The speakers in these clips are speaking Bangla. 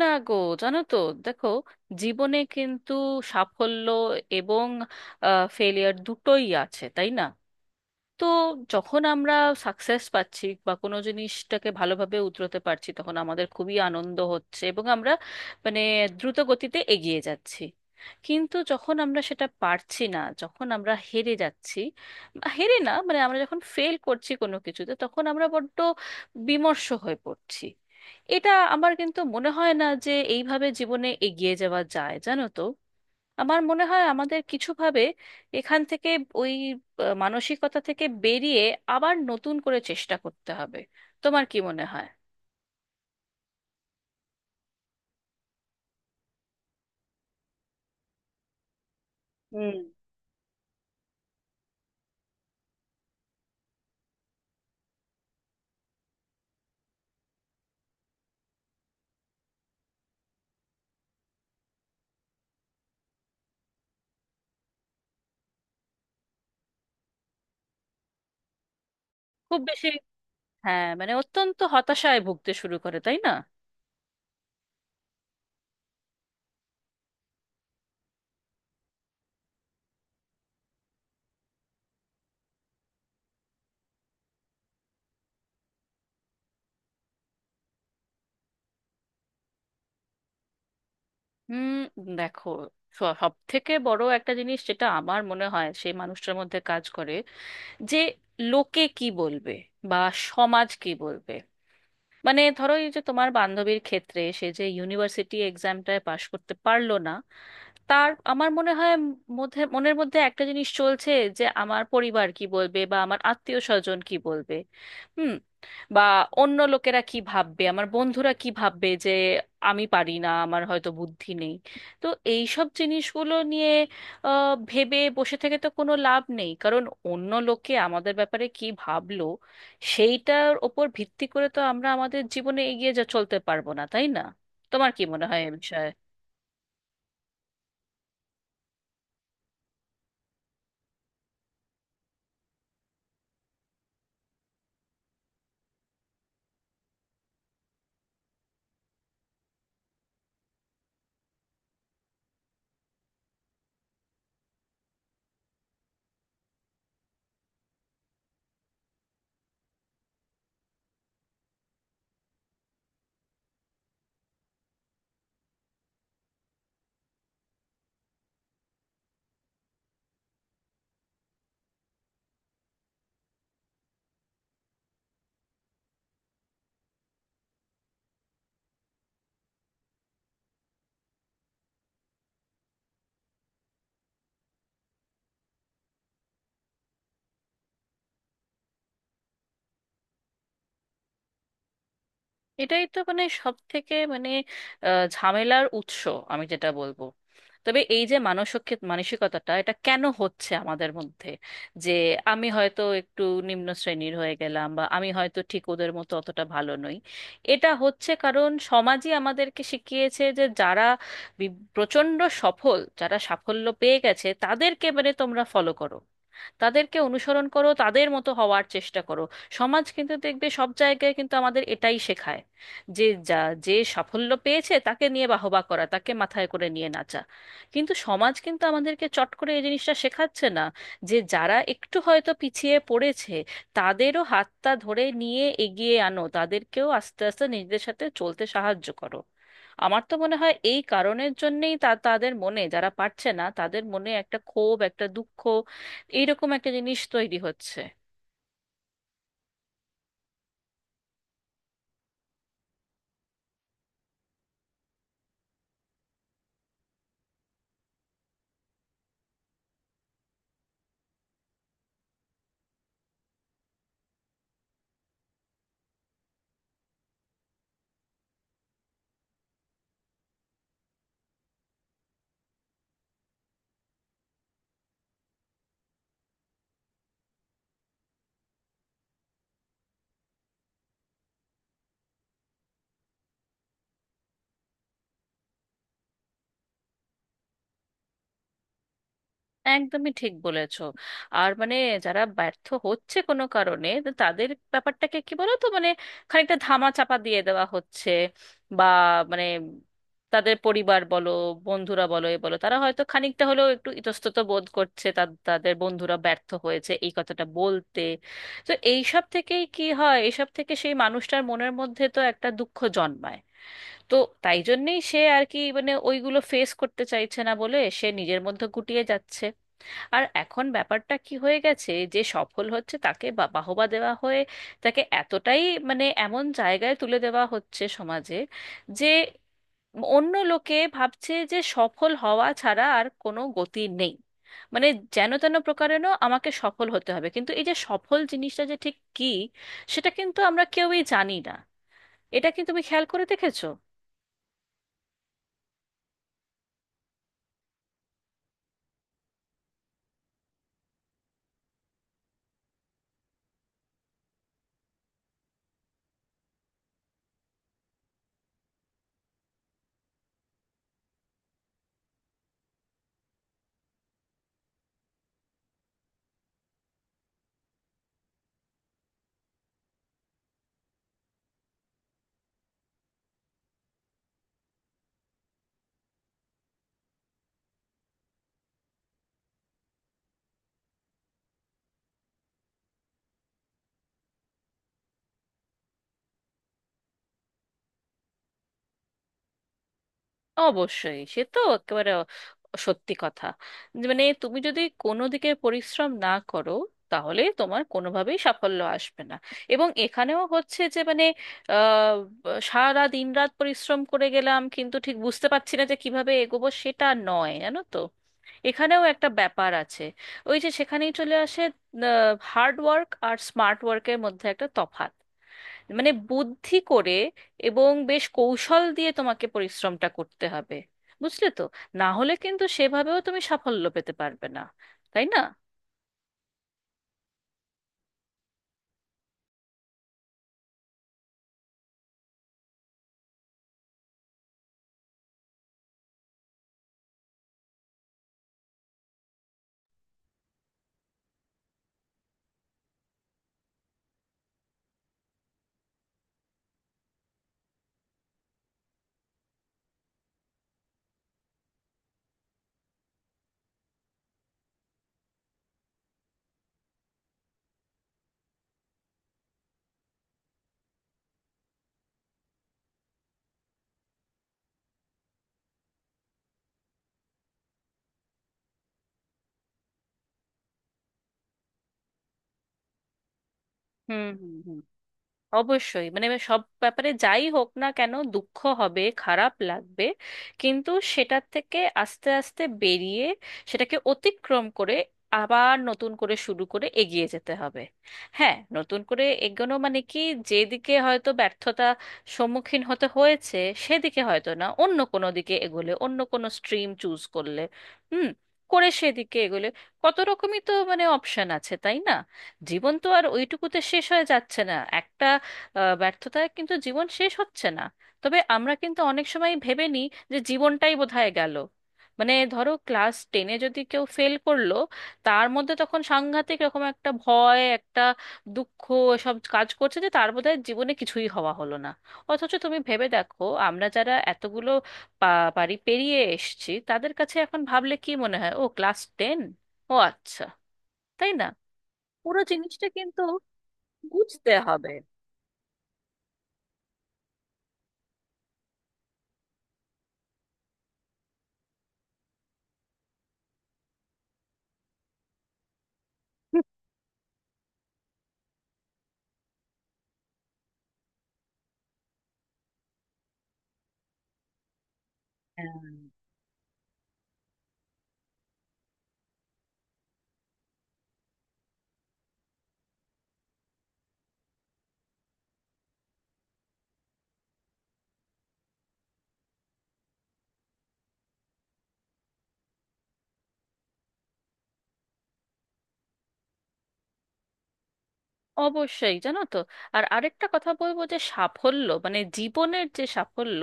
না গো। জানো তো, দেখো, জীবনে কিন্তু সাফল্য এবং ফেলিয়ার দুটোই আছে, তাই না? তো যখন আমরা সাকসেস পাচ্ছি বা কোনো জিনিসটাকে ভালোভাবে উতরাতে পারছি, তখন আমাদের খুবই আনন্দ হচ্ছে এবং আমরা মানে দ্রুত গতিতে এগিয়ে যাচ্ছি। কিন্তু যখন আমরা সেটা পারছি না, যখন আমরা হেরে যাচ্ছি, বা হেরে না, মানে আমরা যখন ফেল করছি কোনো কিছুতে, তখন আমরা বড্ড বিমর্ষ হয়ে পড়ছি। এটা আমার কিন্তু মনে হয় না যে এইভাবে জীবনে এগিয়ে যাওয়া যায়, জানো তো। আমার মনে হয় আমাদের কিছুভাবে এখান থেকে ওই মানসিকতা থেকে বেরিয়ে আবার নতুন করে চেষ্টা করতে হবে। তোমার কি মনে হয়? হুম, খুব বেশি। হ্যাঁ, মানে অত্যন্ত হতাশায় ভুগতে শুরু করে, তাই না? হুম, দেখো, সব থেকে বড় একটা জিনিস যেটা আমার মনে হয় সেই মানুষটার মধ্যে কাজ করে, যে লোকে কি বলবে বা সমাজ কি বলবে। মানে ধরো এই যে তোমার বান্ধবীর ক্ষেত্রে, সে যে ইউনিভার্সিটি এক্সামটায় পাশ করতে পারলো না, তার আমার মনে হয় মধ্যে, মনের মধ্যে একটা জিনিস চলছে যে আমার পরিবার কি বলবে বা আমার আত্মীয় স্বজন কি বলবে। হুম। বা অন্য লোকেরা কি ভাববে, আমার বন্ধুরা কি ভাববে যে আমি পারি না, আমার হয়তো বুদ্ধি নেই। তো এই সব জিনিসগুলো নিয়ে ভেবে বসে থেকে তো কোনো লাভ নেই, কারণ অন্য লোকে আমাদের ব্যাপারে কি ভাবলো সেইটার ওপর ভিত্তি করে তো আমরা আমাদের জীবনে এগিয়ে যা চলতে পারবো না, তাই না? তোমার কি মনে হয় এ বিষয়ে? এটাই তো সব থেকে ঝামেলার উৎস আমি যেটা বলবো। তবে এই যে মানসিকতাটা, এটা কেন হচ্ছে আমাদের মধ্যে যে আমি হয়তো একটু নিম্ন শ্রেণীর হয়ে গেলাম, বা আমি হয়তো ঠিক ওদের মতো অতটা ভালো নই? এটা হচ্ছে কারণ সমাজই আমাদেরকে শিখিয়েছে যে যারা প্রচণ্ড সফল, যারা সাফল্য পেয়ে গেছে, তাদেরকে মানে তোমরা ফলো করো, তাদেরকে অনুসরণ করো, তাদের মতো হওয়ার চেষ্টা করো। সমাজ কিন্তু দেখবে, সব জায়গায় কিন্তু আমাদের এটাই শেখায় যে যে সাফল্য পেয়েছে তাকে নিয়ে বাহবা করা, তাকে মাথায় করে নিয়ে নাচা। কিন্তু সমাজ কিন্তু আমাদেরকে চট করে এই জিনিসটা শেখাচ্ছে না যে যারা একটু হয়তো পিছিয়ে পড়েছে, তাদেরও হাতটা ধরে নিয়ে এগিয়ে আনো, তাদেরকেও আস্তে আস্তে নিজেদের সাথে চলতে সাহায্য করো। আমার তো মনে হয় এই কারণের জন্যেই তাদের মনে, যারা পারছে না তাদের মনে একটা ক্ষোভ, একটা দুঃখ, এইরকম একটা জিনিস তৈরি হচ্ছে। একদমই ঠিক বলেছো। আর মানে যারা ব্যর্থ হচ্ছে কোনো কারণে, তো তাদের ব্যাপারটাকে কি বলো তো, মানে খানিকটা ধামা চাপা দিয়ে দেওয়া হচ্ছে। বা মানে তাদের পরিবার বলো, বন্ধুরা বলো, এ বলো, তারা হয়তো খানিকটা হলেও একটু ইতস্তত বোধ করছে তাদের বন্ধুরা ব্যর্থ হয়েছে এই কথাটা বলতে। তো এইসব থেকেই কি হয়, এইসব থেকে সেই মানুষটার মনের মধ্যে তো একটা দুঃখ জন্মায়। তো তাই জন্যেই সে আর কি মানে ওইগুলো ফেস করতে চাইছে না বলে সে নিজের মধ্যে গুটিয়ে যাচ্ছে। আর এখন ব্যাপারটা কি হয়ে গেছে, যে সফল হচ্ছে তাকে বাহবা দেওয়া হয়ে, তাকে এতটাই মানে এমন জায়গায় তুলে দেওয়া হচ্ছে সমাজে, যে অন্য লোকে ভাবছে যে সফল হওয়া ছাড়া আর কোনো গতি নেই। মানে যেন তেন প্রকারেণ আমাকে সফল হতে হবে। কিন্তু এই যে সফল জিনিসটা যে ঠিক কি, সেটা কিন্তু আমরা কেউই জানি না। এটা কি তুমি খেয়াল করে দেখেছো? অবশ্যই, সে তো একেবারে সত্যি কথা, যে মানে তুমি যদি কোনো দিকে পরিশ্রম না করো, তাহলে তোমার কোনোভাবেই সাফল্য আসবে না। এবং এখানেও হচ্ছে যে মানে আহ, সারা দিন রাত পরিশ্রম করে গেলাম, কিন্তু ঠিক বুঝতে পারছি না যে কিভাবে এগোবো, সেটা নয়, জানো তো। এখানেও একটা ব্যাপার আছে, ওই যে সেখানেই চলে আসে, হার্ড ওয়ার্ক আর স্মার্ট ওয়ার্কের মধ্যে একটা তফাৎ। মানে বুদ্ধি করে এবং বেশ কৌশল দিয়ে তোমাকে পরিশ্রমটা করতে হবে, বুঝলে তো? না হলে কিন্তু সেভাবেও তুমি সাফল্য পেতে পারবে না, তাই না? হুম, হুম, হুম। অবশ্যই, মানে আমি সব ব্যাপারে, যাই হোক না কেন, দুঃখ হবে, খারাপ লাগবে, কিন্তু সেটার থেকে আস্তে আস্তে বেরিয়ে, সেটাকে অতিক্রম করে আবার নতুন করে শুরু করে এগিয়ে যেতে হবে। হ্যাঁ, নতুন করে এগোনো মানে কি? যেদিকে হয়তো ব্যর্থতা সম্মুখীন হতে হয়েছে, সেদিকে হয়তো না, অন্য কোনো দিকে এগোলে, অন্য কোনো স্ট্রিম চুজ করলে, হুম, করে সেদিকে এগোলে, কত রকমই তো মানে অপশন আছে, তাই না? জীবন তো আর ওইটুকুতে শেষ হয়ে যাচ্ছে না। একটা ব্যর্থতায় কিন্তু জীবন শেষ হচ্ছে না। তবে আমরা কিন্তু অনেক সময় ভেবে নিই যে জীবনটাই বোধহয় গেল। মানে ধরো ক্লাস টেনে যদি কেউ ফেল করলো, তার মধ্যে তখন সাংঘাতিক রকম একটা ভয়, একটা দুঃখ সব কাজ করছে, যে তার বোধহয় জীবনে কিছুই হওয়া হলো না। অথচ তুমি ভেবে দেখো, আমরা যারা এতগুলো পারি পেরিয়ে এসেছি, তাদের কাছে এখন ভাবলে কি মনে হয়, ও ক্লাস টেন, ও আচ্ছা, তাই না? পুরো জিনিসটা কিন্তু বুঝতে হবে। হ্যাঁ, অবশ্যই, জানো তো। আর আরেকটা কথা বলবো, যে সাফল্য মানে জীবনের যে সাফল্য,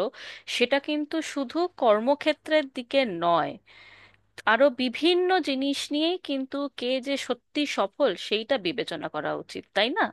সেটা কিন্তু শুধু কর্মক্ষেত্রের দিকে নয়, আরো বিভিন্ন জিনিস নিয়েই কিন্তু কে যে সত্যি সফল সেইটা বিবেচনা করা উচিত, তাই না?